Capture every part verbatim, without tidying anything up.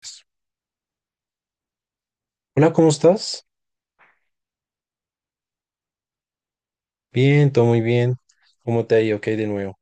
Pues, hola, ¿cómo estás? Bien, todo muy bien. ¿Cómo te ha ido? Ok, de nuevo.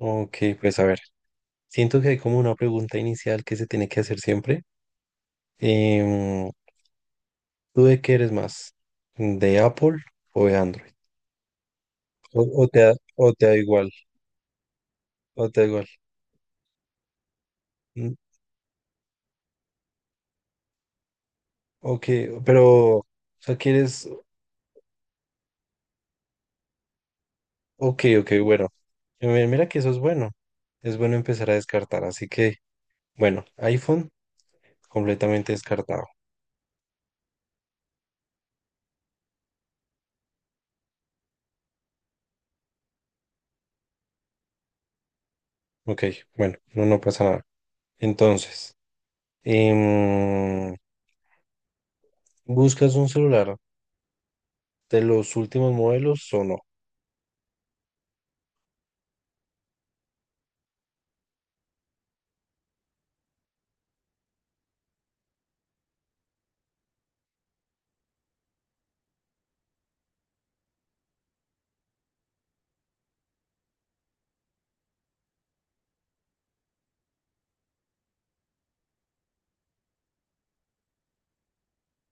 Ok, pues a ver, siento que hay como una pregunta inicial que se tiene que hacer siempre. Em, ¿tú de qué eres más? ¿De Apple o de Android? ¿O, o te da, o te da igual? ¿O te da igual? Mm, ok, pero, o sea, quieres, ok, ok, bueno. Eh, Mira que eso es bueno. Es bueno empezar a descartar. Así que, bueno, iPhone completamente descartado. Ok, bueno, no, no pasa nada. Entonces. Em, ¿buscas un celular de los últimos modelos o no?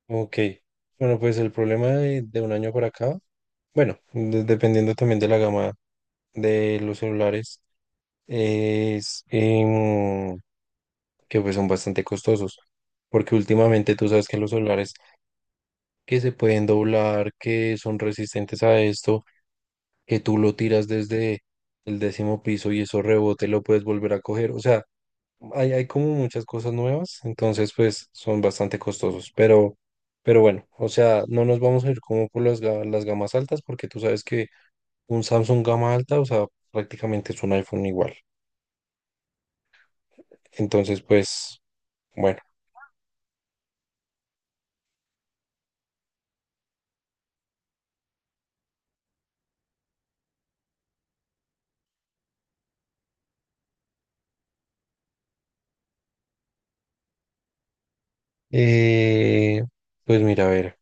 Ok. Bueno, pues el problema de, de, un año para acá, bueno, de- dependiendo también de la gama de los celulares, es em, que pues son bastante costosos. Porque últimamente tú sabes que los celulares que se pueden doblar, que son resistentes a esto, que tú lo tiras desde el décimo piso y eso rebote, lo puedes volver a coger. O sea, hay, hay como muchas cosas nuevas, entonces pues son bastante costosos, pero, pero bueno, o sea, no nos vamos a ir como por las, ga- las gamas altas porque tú sabes que un Samsung gama alta, o sea, prácticamente es un iPhone igual. Entonces pues, bueno, eh, pues mira, a ver,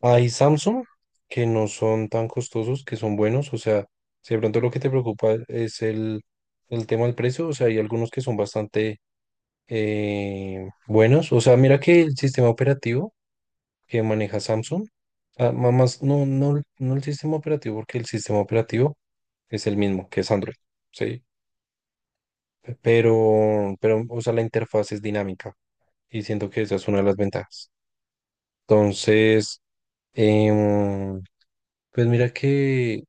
hay Samsung que no son tan costosos, que son buenos, o sea, si de pronto lo que te preocupa es el, el tema del precio, o sea, hay algunos que son bastante eh, buenos, o sea, mira que el sistema operativo que maneja Samsung. Ah, ma- más, no, no, no el sistema operativo, porque el sistema operativo es el mismo, que es Android, ¿sí? Pero, pero, o sea, la interfaz es dinámica y siento que esa es una de las ventajas. Entonces, em, pues mira que,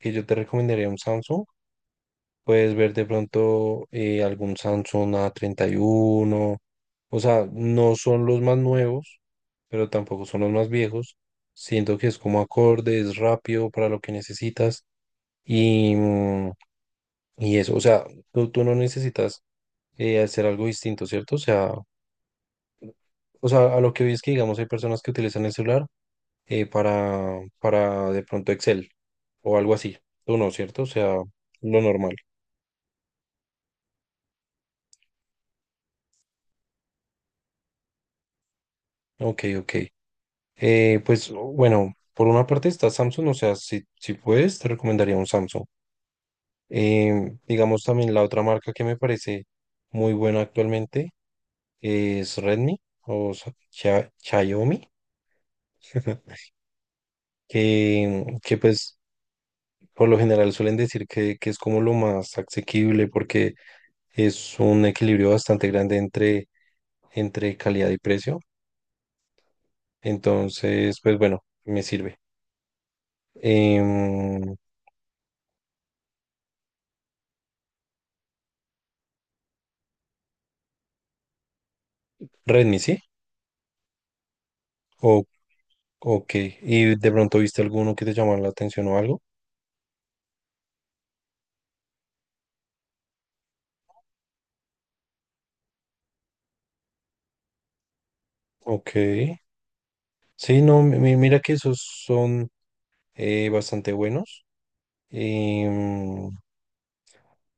que yo te recomendaría un Samsung. Puedes ver de pronto eh, algún Samsung a treinta y uno. O sea, no son los más nuevos, pero tampoco son los más viejos. Siento que es como acorde, es rápido para lo que necesitas. Y, mm, y eso, o sea, tú, tú no necesitas eh, hacer algo distinto, ¿cierto? O sea, o sea, a lo que vi es que, digamos, hay personas que utilizan el celular eh, para, para, de pronto Excel o algo así. Tú no, ¿cierto? O sea, lo normal. Ok, ok. Eh, pues bueno, por una parte está Samsung, o sea, si, si, puedes, te recomendaría un Samsung. Em, digamos también la otra marca que me parece muy buena actualmente es Redmi o Sa- Xia- Xiaomi, que, que pues por lo general suelen decir que, que es como lo más asequible porque es un equilibrio bastante grande entre, entre calidad y precio. Entonces, pues bueno, me sirve. Em, Redmi, ¿sí? Ok, ¿y de pronto viste alguno que te llamara la atención o algo? Ok, sí, no, mi- mi- mira que esos son eh, bastante buenos. Em,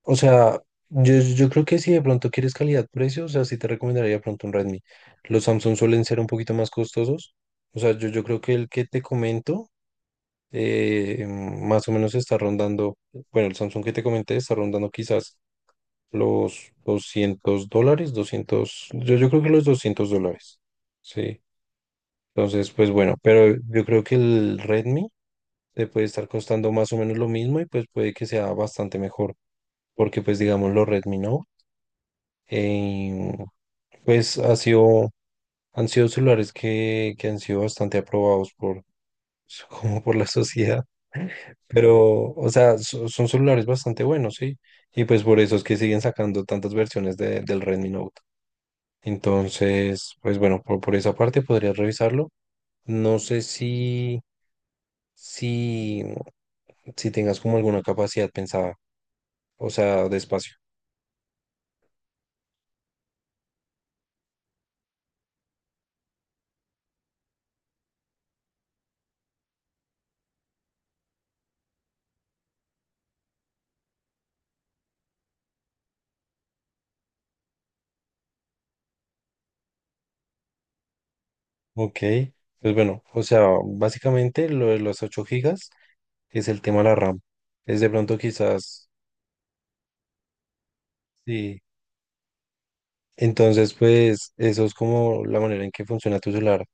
o sea, yo, yo, creo que si de pronto quieres calidad-precio, o sea, sí te recomendaría de pronto un Redmi. Los Samsung suelen ser un poquito más costosos. O sea, yo, yo creo que el que te comento eh, em, más o menos está rondando, bueno, el Samsung que te comenté está rondando quizás los doscientos dólares, doscientos yo, yo creo que los doscientos dólares. Sí. Entonces, pues bueno, pero yo creo que el Redmi te puede estar costando más o menos lo mismo y pues puede que sea bastante mejor, porque pues digamos los Redmi Note, em, pues ha sido, han sido celulares que, que, han sido bastante aprobados por, como por la sociedad, pero, o sea, so- son celulares bastante buenos, sí. Y pues por eso es que siguen sacando tantas versiones de- del Redmi Note. Entonces, pues bueno, por, por, esa parte podrías revisarlo. No sé si, si, si tengas como alguna capacidad pensada, o sea, de espacio. Ok, pues bueno, o sea, básicamente lo de los ocho gigas es el tema de la RAM. Es de pronto quizás, sí. Entonces, pues eso es como la manera en que funciona tu celular.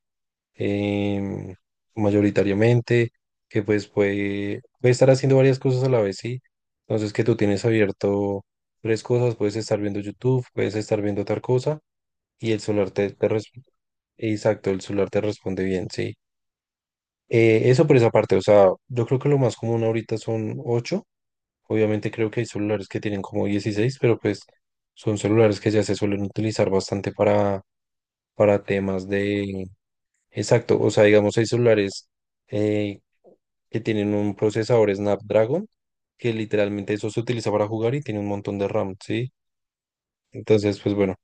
em, mayoritariamente, que pues puede, puede, estar haciendo varias cosas a la vez, ¿sí? Entonces que tú tienes abierto tres cosas, puedes estar viendo YouTube, puedes estar viendo otra cosa y el celular te, te responde, exacto, el celular te responde bien, ¿sí? Eh, eso por esa parte, o sea, yo creo que lo más común ahorita son ocho, obviamente creo que hay celulares que tienen como dieciséis pero pues son celulares que ya se suelen utilizar bastante para, para temas de... Exacto, o sea, digamos, hay celulares eh, que tienen un procesador Snapdragon, que literalmente eso se utiliza para jugar y tiene un montón de RAM, ¿sí? Entonces, pues bueno,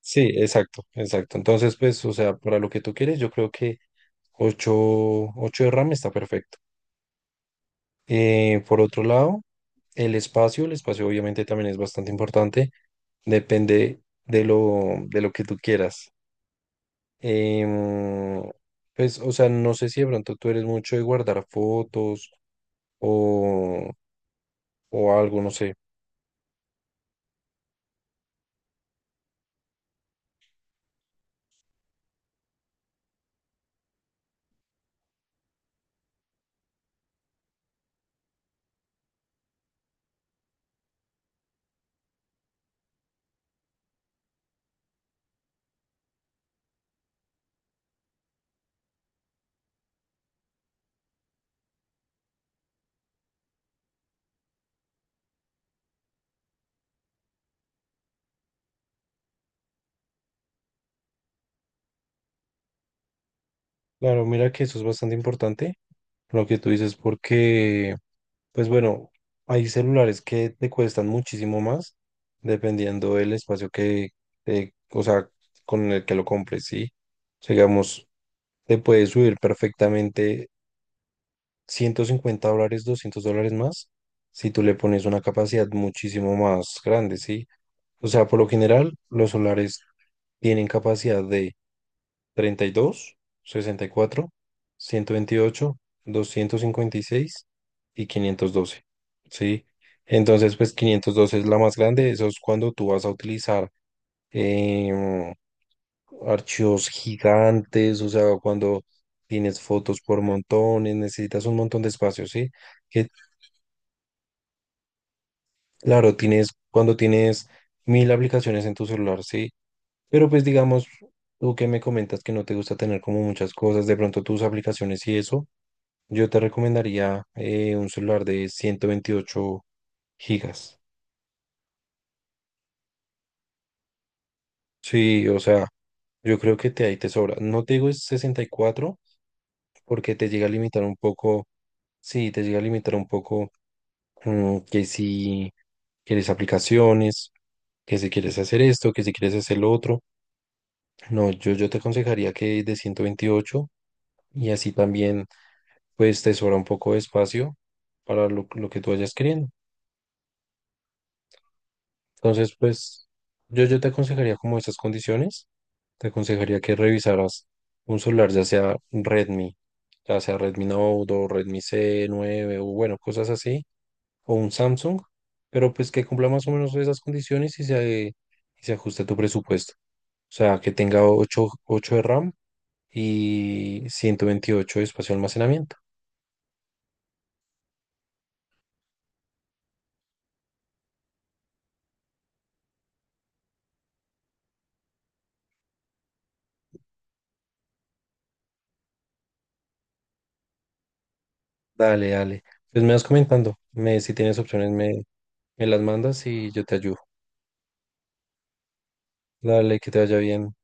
sí, exacto, exacto. Entonces, pues, o sea, para lo que tú quieres, yo creo que ocho ocho de RAM está perfecto. Eh, por otro lado, el espacio, el espacio obviamente también es bastante importante, depende de lo, de lo, que tú quieras. Em, pues, o sea, no sé si de pronto tú eres mucho de guardar fotos o, o algo, no sé. Claro, mira que eso es bastante importante, lo que tú dices, porque, pues bueno, hay celulares que te cuestan muchísimo más dependiendo del espacio que, eh, o sea, con el que lo compres, ¿sí? O sea, digamos, te puede subir perfectamente ciento cincuenta dólares, doscientos dólares más si tú le pones una capacidad muchísimo más grande, ¿sí? O sea, por lo general, los celulares tienen capacidad treinta y dos, sesenta y cuatro, ciento veintiocho, doscientos cincuenta y y seis y quinientos doce, ¿sí? Entonces, pues quinientos doce es la más grande. Eso es cuando tú vas a utilizar em, archivos gigantes, o sea, cuando tienes fotos por montones, necesitas un montón de espacio, ¿sí? Que claro, tienes cuando tienes mil aplicaciones en tu celular, ¿sí? Pero pues digamos, tú que me comentas que no te gusta tener como muchas cosas, de pronto tus aplicaciones y eso. Yo te recomendaría eh, un celular de ciento veintiocho gigas. Sí, o sea, yo creo que te ahí te sobra. No te digo es sesenta y cuatro porque te llega a limitar un poco, sí, te llega a limitar un poco, mm, que si quieres aplicaciones, que si quieres hacer esto, que si quieres hacer lo otro. No, yo, yo, te aconsejaría que de ciento veintiocho y así también pues te sobra un poco de espacio para lo, lo, que tú vayas queriendo. Entonces, pues yo, yo te aconsejaría como estas condiciones, te aconsejaría que revisaras un celular, ya sea Redmi, ya sea Redmi Note o Redmi c nueve o bueno, cosas así, o un Samsung, pero pues que cumpla más o menos esas condiciones y se, y se ajuste a tu presupuesto. O sea, que tenga ocho ocho de RAM y ciento veintiocho de espacio de almacenamiento. Dale, dale. Pues me vas comentando, me, si tienes opciones me, me las mandas y yo te ayudo. Dale, que te vaya bien.